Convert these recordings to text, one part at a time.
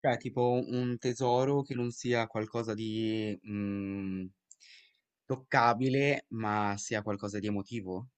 Cioè, tipo un tesoro che non sia qualcosa di, toccabile, ma sia qualcosa di emotivo?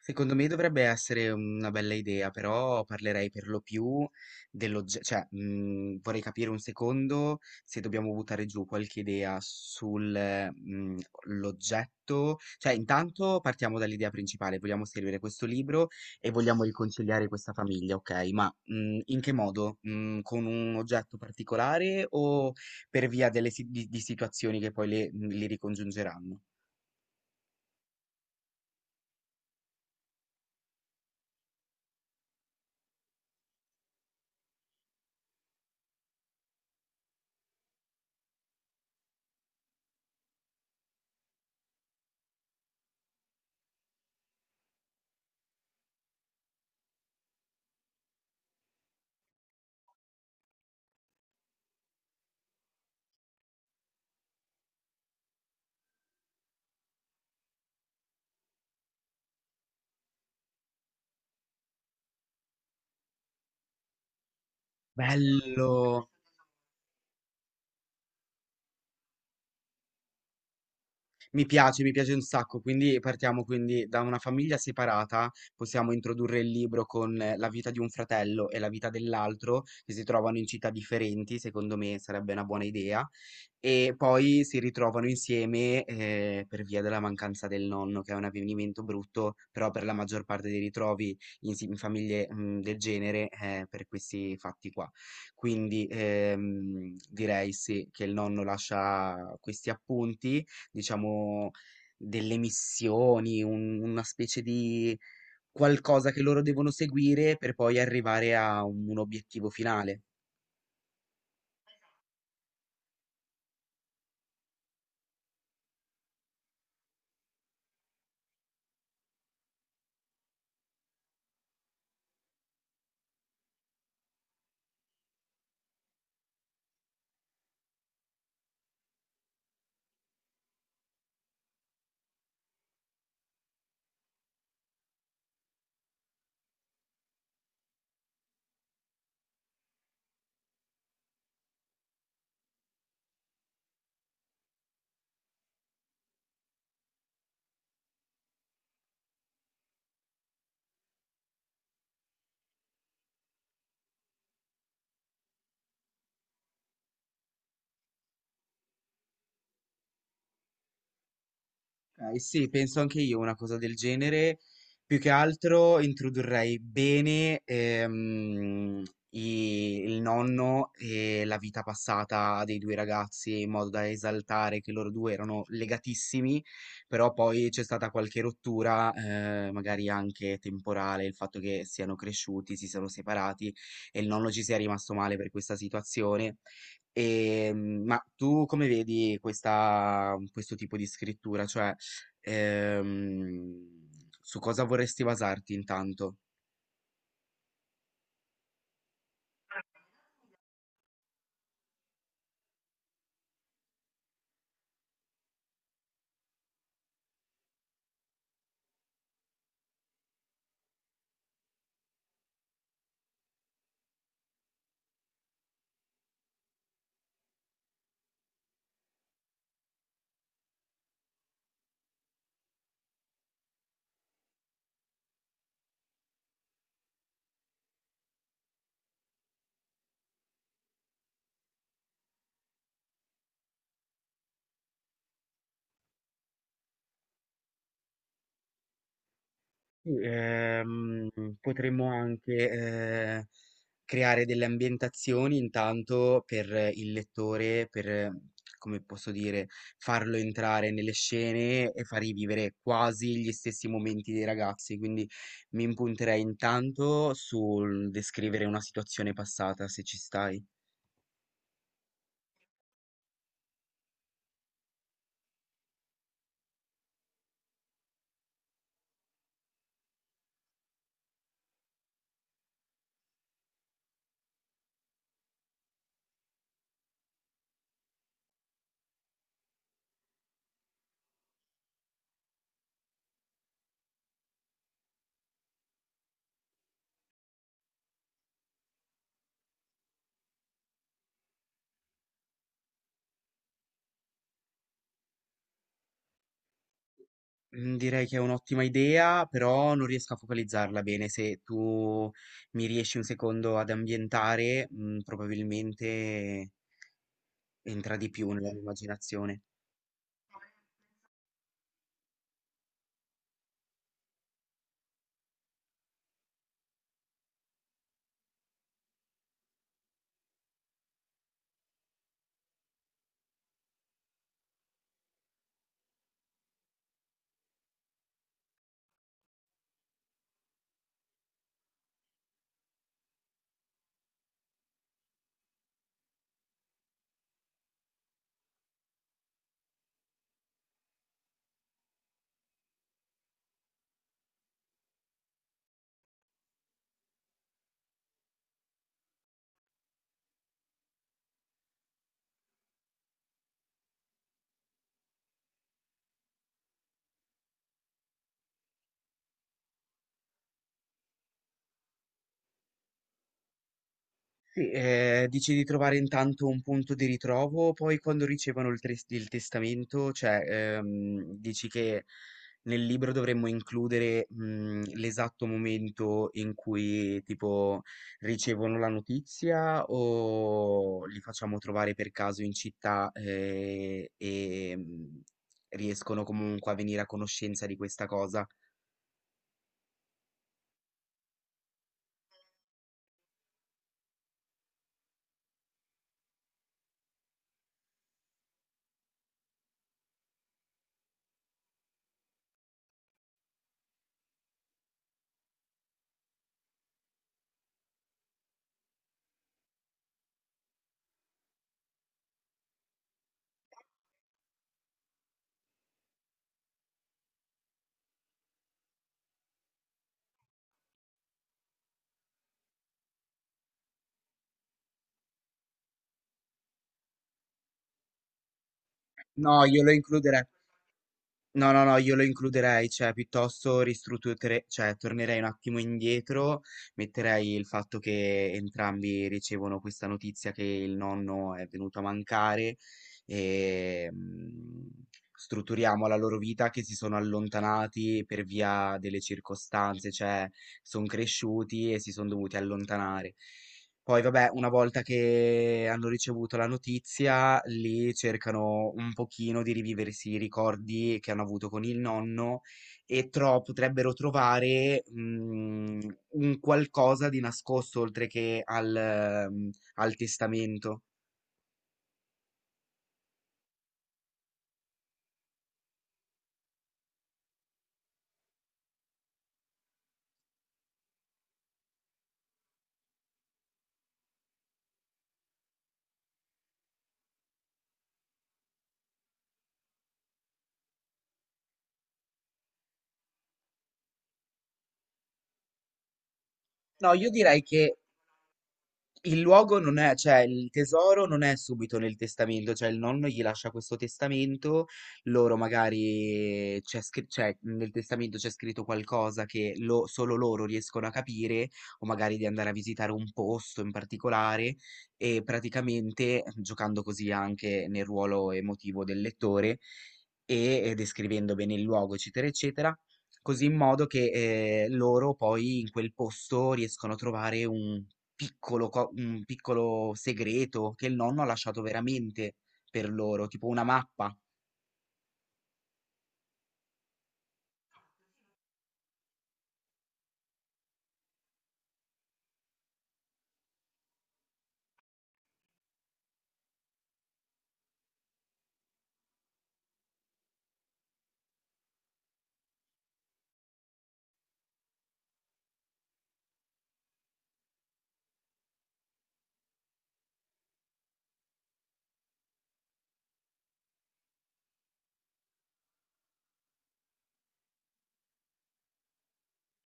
Secondo me dovrebbe essere una bella idea, però parlerei per lo più dell'oggetto, cioè vorrei capire un secondo se dobbiamo buttare giù qualche idea sull'oggetto, cioè intanto partiamo dall'idea principale, vogliamo scrivere questo libro e vogliamo riconciliare questa famiglia, ok? Ma in che modo? Con un oggetto particolare o per via delle di situazioni che poi li ricongiungeranno? Bello! Mi piace un sacco, quindi partiamo quindi da una famiglia separata. Possiamo introdurre il libro con la vita di un fratello e la vita dell'altro, che si trovano in città differenti, secondo me sarebbe una buona idea, e poi si ritrovano insieme per via della mancanza del nonno, che è un avvenimento brutto, però per la maggior parte dei ritrovi in, in famiglie del genere per questi fatti qua. Quindi direi sì che il nonno lascia questi appunti diciamo, delle missioni, una specie di qualcosa che loro devono seguire per poi arrivare a un obiettivo finale. Ok, sì, penso anche io una cosa del genere. Più che altro introdurrei bene il nonno e la vita passata dei due ragazzi, in modo da esaltare che loro due erano legatissimi, però poi c'è stata qualche rottura, magari anche temporale, il fatto che siano cresciuti, si siano separati e il nonno ci sia rimasto male per questa situazione. E, ma tu come vedi questa, questo tipo di scrittura? Cioè, Ehm, su cosa vorresti basarti intanto? Sì, potremmo anche eh, creare delle ambientazioni intanto per il lettore, per, come posso dire, farlo entrare nelle scene e far rivivere quasi gli stessi momenti dei ragazzi. Quindi mi impunterei intanto sul descrivere una situazione passata, se ci stai. Direi che è un'ottima idea, però non riesco a focalizzarla bene. Se tu mi riesci un secondo ad ambientare, probabilmente entra di più nella mia immaginazione. Sì, dici di trovare intanto un punto di ritrovo, poi quando ricevono il testamento, cioè, dici che nel libro dovremmo includere, l'esatto momento in cui tipo ricevono la notizia, o li facciamo trovare per caso in città, e, riescono comunque a venire a conoscenza di questa cosa? No, io lo includerei No, no, no, io lo includerei, cioè piuttosto ristrutturerei, cioè tornerei un attimo indietro, metterei il fatto che entrambi ricevono questa notizia che il nonno è venuto a mancare e strutturiamo la loro vita che si sono allontanati per via delle circostanze, cioè sono cresciuti e si sono dovuti allontanare. Poi vabbè, una volta che hanno ricevuto la notizia, lì cercano un pochino di riviversi i ricordi che hanno avuto con il nonno, e potrebbero trovare un qualcosa di nascosto oltre che al, al testamento. No, io direi che Il luogo non è, cioè il tesoro non è subito nel testamento, cioè il nonno gli lascia questo testamento, loro magari cioè, nel testamento c'è scritto qualcosa che solo loro riescono a capire, o magari di andare a visitare un posto in particolare, e praticamente giocando così anche nel ruolo emotivo del lettore e descrivendo bene il luogo, eccetera, eccetera. Così in modo che loro poi in quel posto riescono a trovare un piccolo co un piccolo segreto che il nonno ha lasciato veramente per loro, tipo una mappa.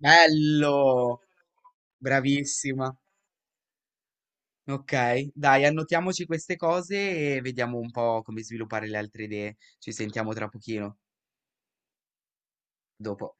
Bello! Bravissima. Ok, dai, annotiamoci queste cose e vediamo un po' come sviluppare le altre idee. Ci sentiamo tra pochino, dopo.